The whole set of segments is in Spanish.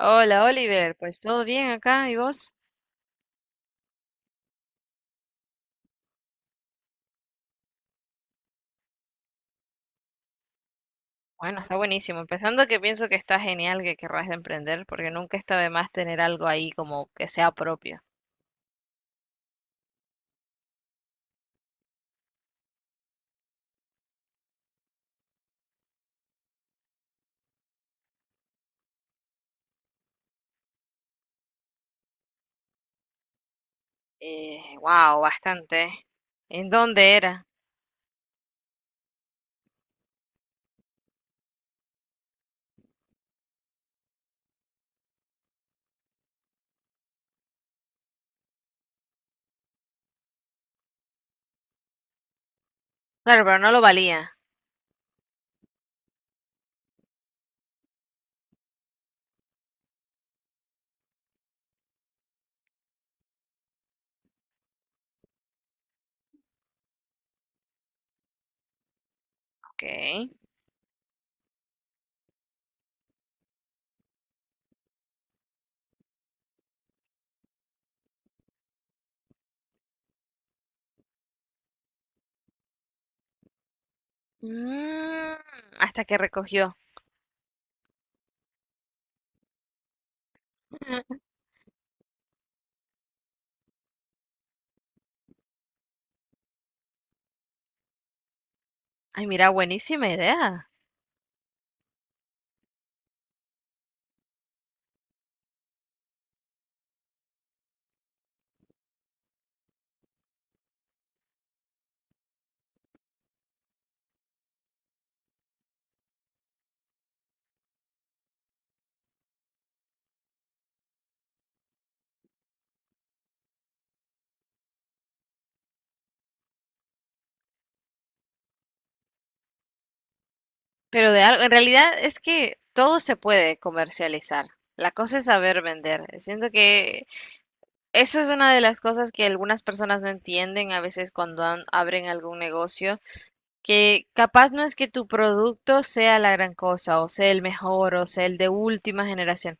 Hola Oliver, pues todo bien acá, ¿y vos? Bueno, está buenísimo. Empezando que pienso que está genial que querrás de emprender, porque nunca está de más tener algo ahí como que sea propio. Wow, bastante. ¿En dónde era? Claro, pero no lo valía. Ok. Mm, hasta que recogió. Ay, mira, buenísima idea. Pero de algo, en realidad es que todo se puede comercializar. La cosa es saber vender. Siento que eso es una de las cosas que algunas personas no entienden a veces cuando abren algún negocio, que capaz no es que tu producto sea la gran cosa o sea el mejor o sea el de última generación,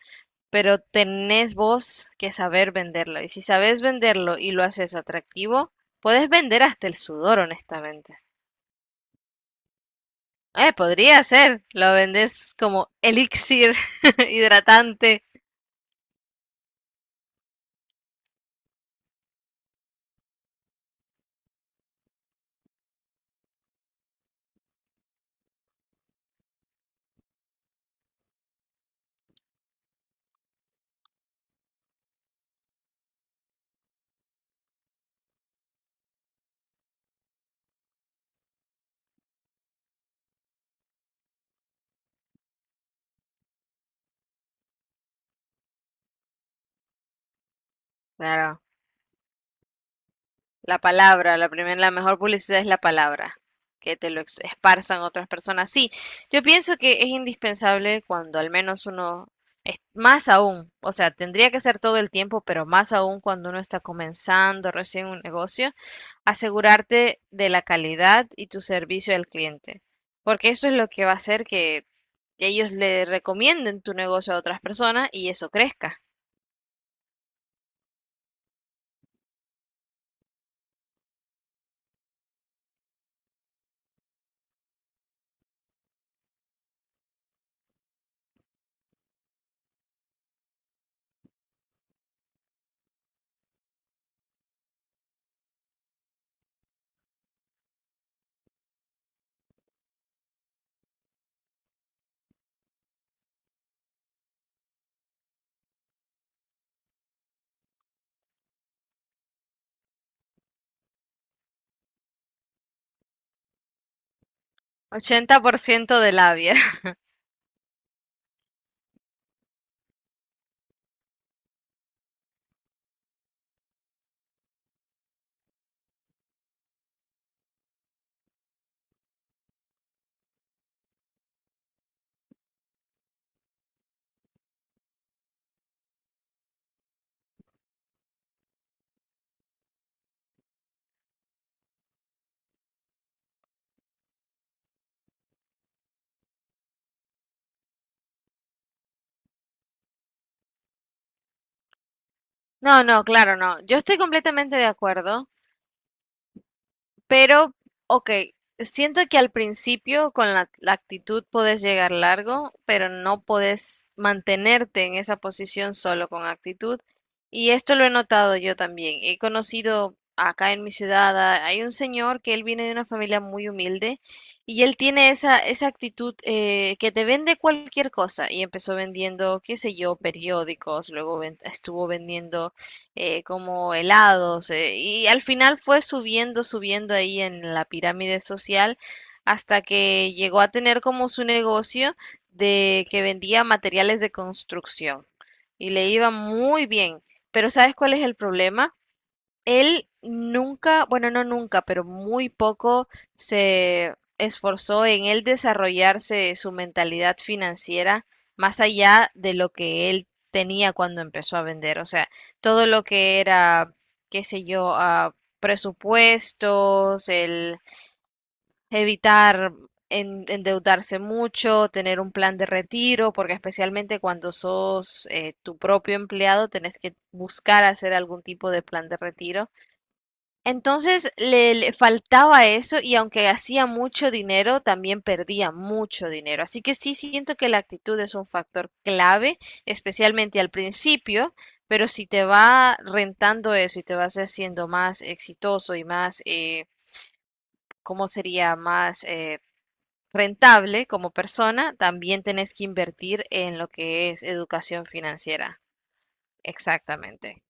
pero tenés vos que saber venderlo, y si sabes venderlo y lo haces atractivo, puedes vender hasta el sudor, honestamente. Podría ser, lo vendes como elixir hidratante. Claro. La palabra, la primera, la mejor publicidad es la palabra, que te lo esparzan otras personas. Sí, yo pienso que es indispensable cuando al menos uno, más aún, o sea, tendría que ser todo el tiempo, pero más aún cuando uno está comenzando recién un negocio, asegurarte de la calidad y tu servicio al cliente, porque eso es lo que va a hacer que ellos le recomienden tu negocio a otras personas y eso crezca. 80% de labia. No, no, claro, no. Yo estoy completamente de acuerdo, pero, ok, siento que al principio con la actitud podés llegar largo, pero no podés mantenerte en esa posición solo con actitud. Y esto lo he notado yo también. He conocido acá en mi ciudad, a- hay un señor que él viene de una familia muy humilde y él tiene esa actitud, que te vende cualquier cosa. Y empezó vendiendo, qué sé yo, periódicos, luego estuvo vendiendo, como helados, y al final fue subiendo, subiendo ahí en la pirámide social hasta que llegó a tener como su negocio de que vendía materiales de construcción y le iba muy bien. Pero ¿sabes cuál es el problema? Él nunca, bueno, no nunca, pero muy poco se esforzó en él desarrollarse su mentalidad financiera más allá de lo que él tenía cuando empezó a vender. O sea, todo lo que era, qué sé yo, ah, presupuestos, el evitar endeudarse mucho, tener un plan de retiro, porque especialmente cuando sos, tu propio empleado, tenés que buscar hacer algún tipo de plan de retiro. Entonces le faltaba eso, y aunque hacía mucho dinero, también perdía mucho dinero. Así que sí siento que la actitud es un factor clave, especialmente al principio, pero si te va rentando eso y te vas haciendo más exitoso y más, ¿cómo sería? Más, rentable como persona, también tenés que invertir en lo que es educación financiera. Exactamente.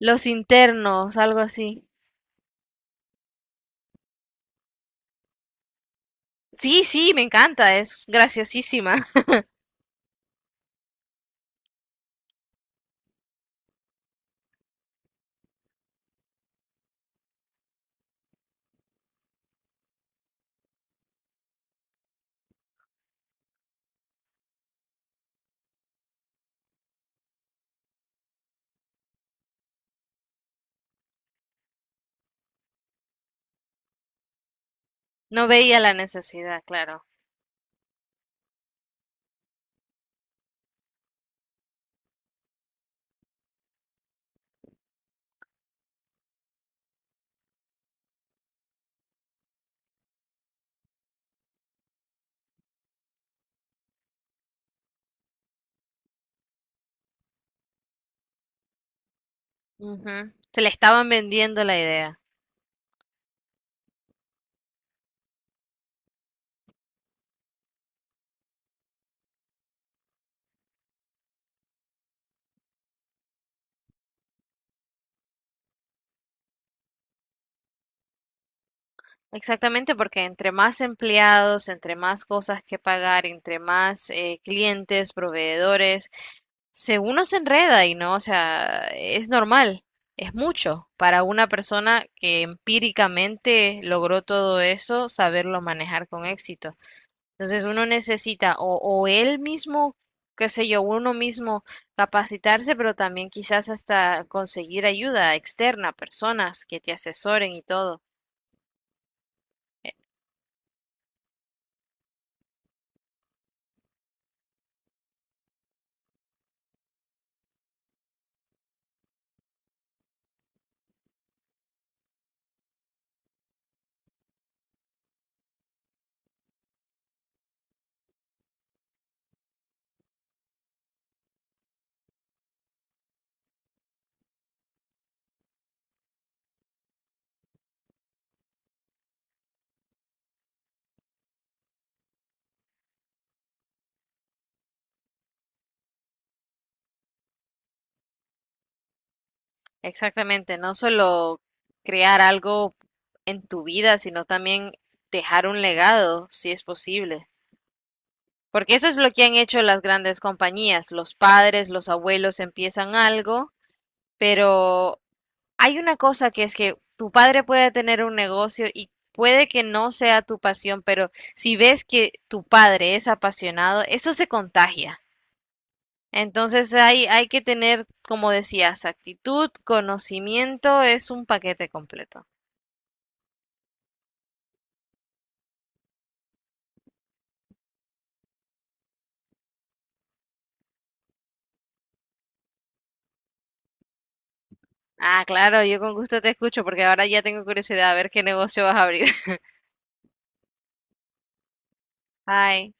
Los internos, algo así. Sí, sí, me encanta, es graciosísima. No veía la necesidad, claro. Ujú. Se le estaban vendiendo la idea. Exactamente, porque entre más empleados, entre más cosas que pagar, entre más, clientes, proveedores, se uno se enreda y no, o sea, es normal, es mucho para una persona que empíricamente logró todo eso, saberlo manejar con éxito. Entonces uno necesita o él mismo, qué sé yo, uno mismo capacitarse, pero también quizás hasta conseguir ayuda externa, personas que te asesoren y todo. E- Exactamente, no solo crear algo en tu vida, sino también dejar un legado, si es posible. Porque eso es lo que han hecho las grandes compañías. Los padres, los abuelos empiezan algo, pero hay una cosa, que es que tu padre puede tener un negocio y puede que no sea tu pasión, pero si ves que tu padre es apasionado, eso se contagia. Entonces hay que tener, como decías, actitud, conocimiento, es un paquete completo. Ah, claro, yo con gusto te escucho, porque ahora ya tengo curiosidad a ver qué negocio vas a abrir. Ay,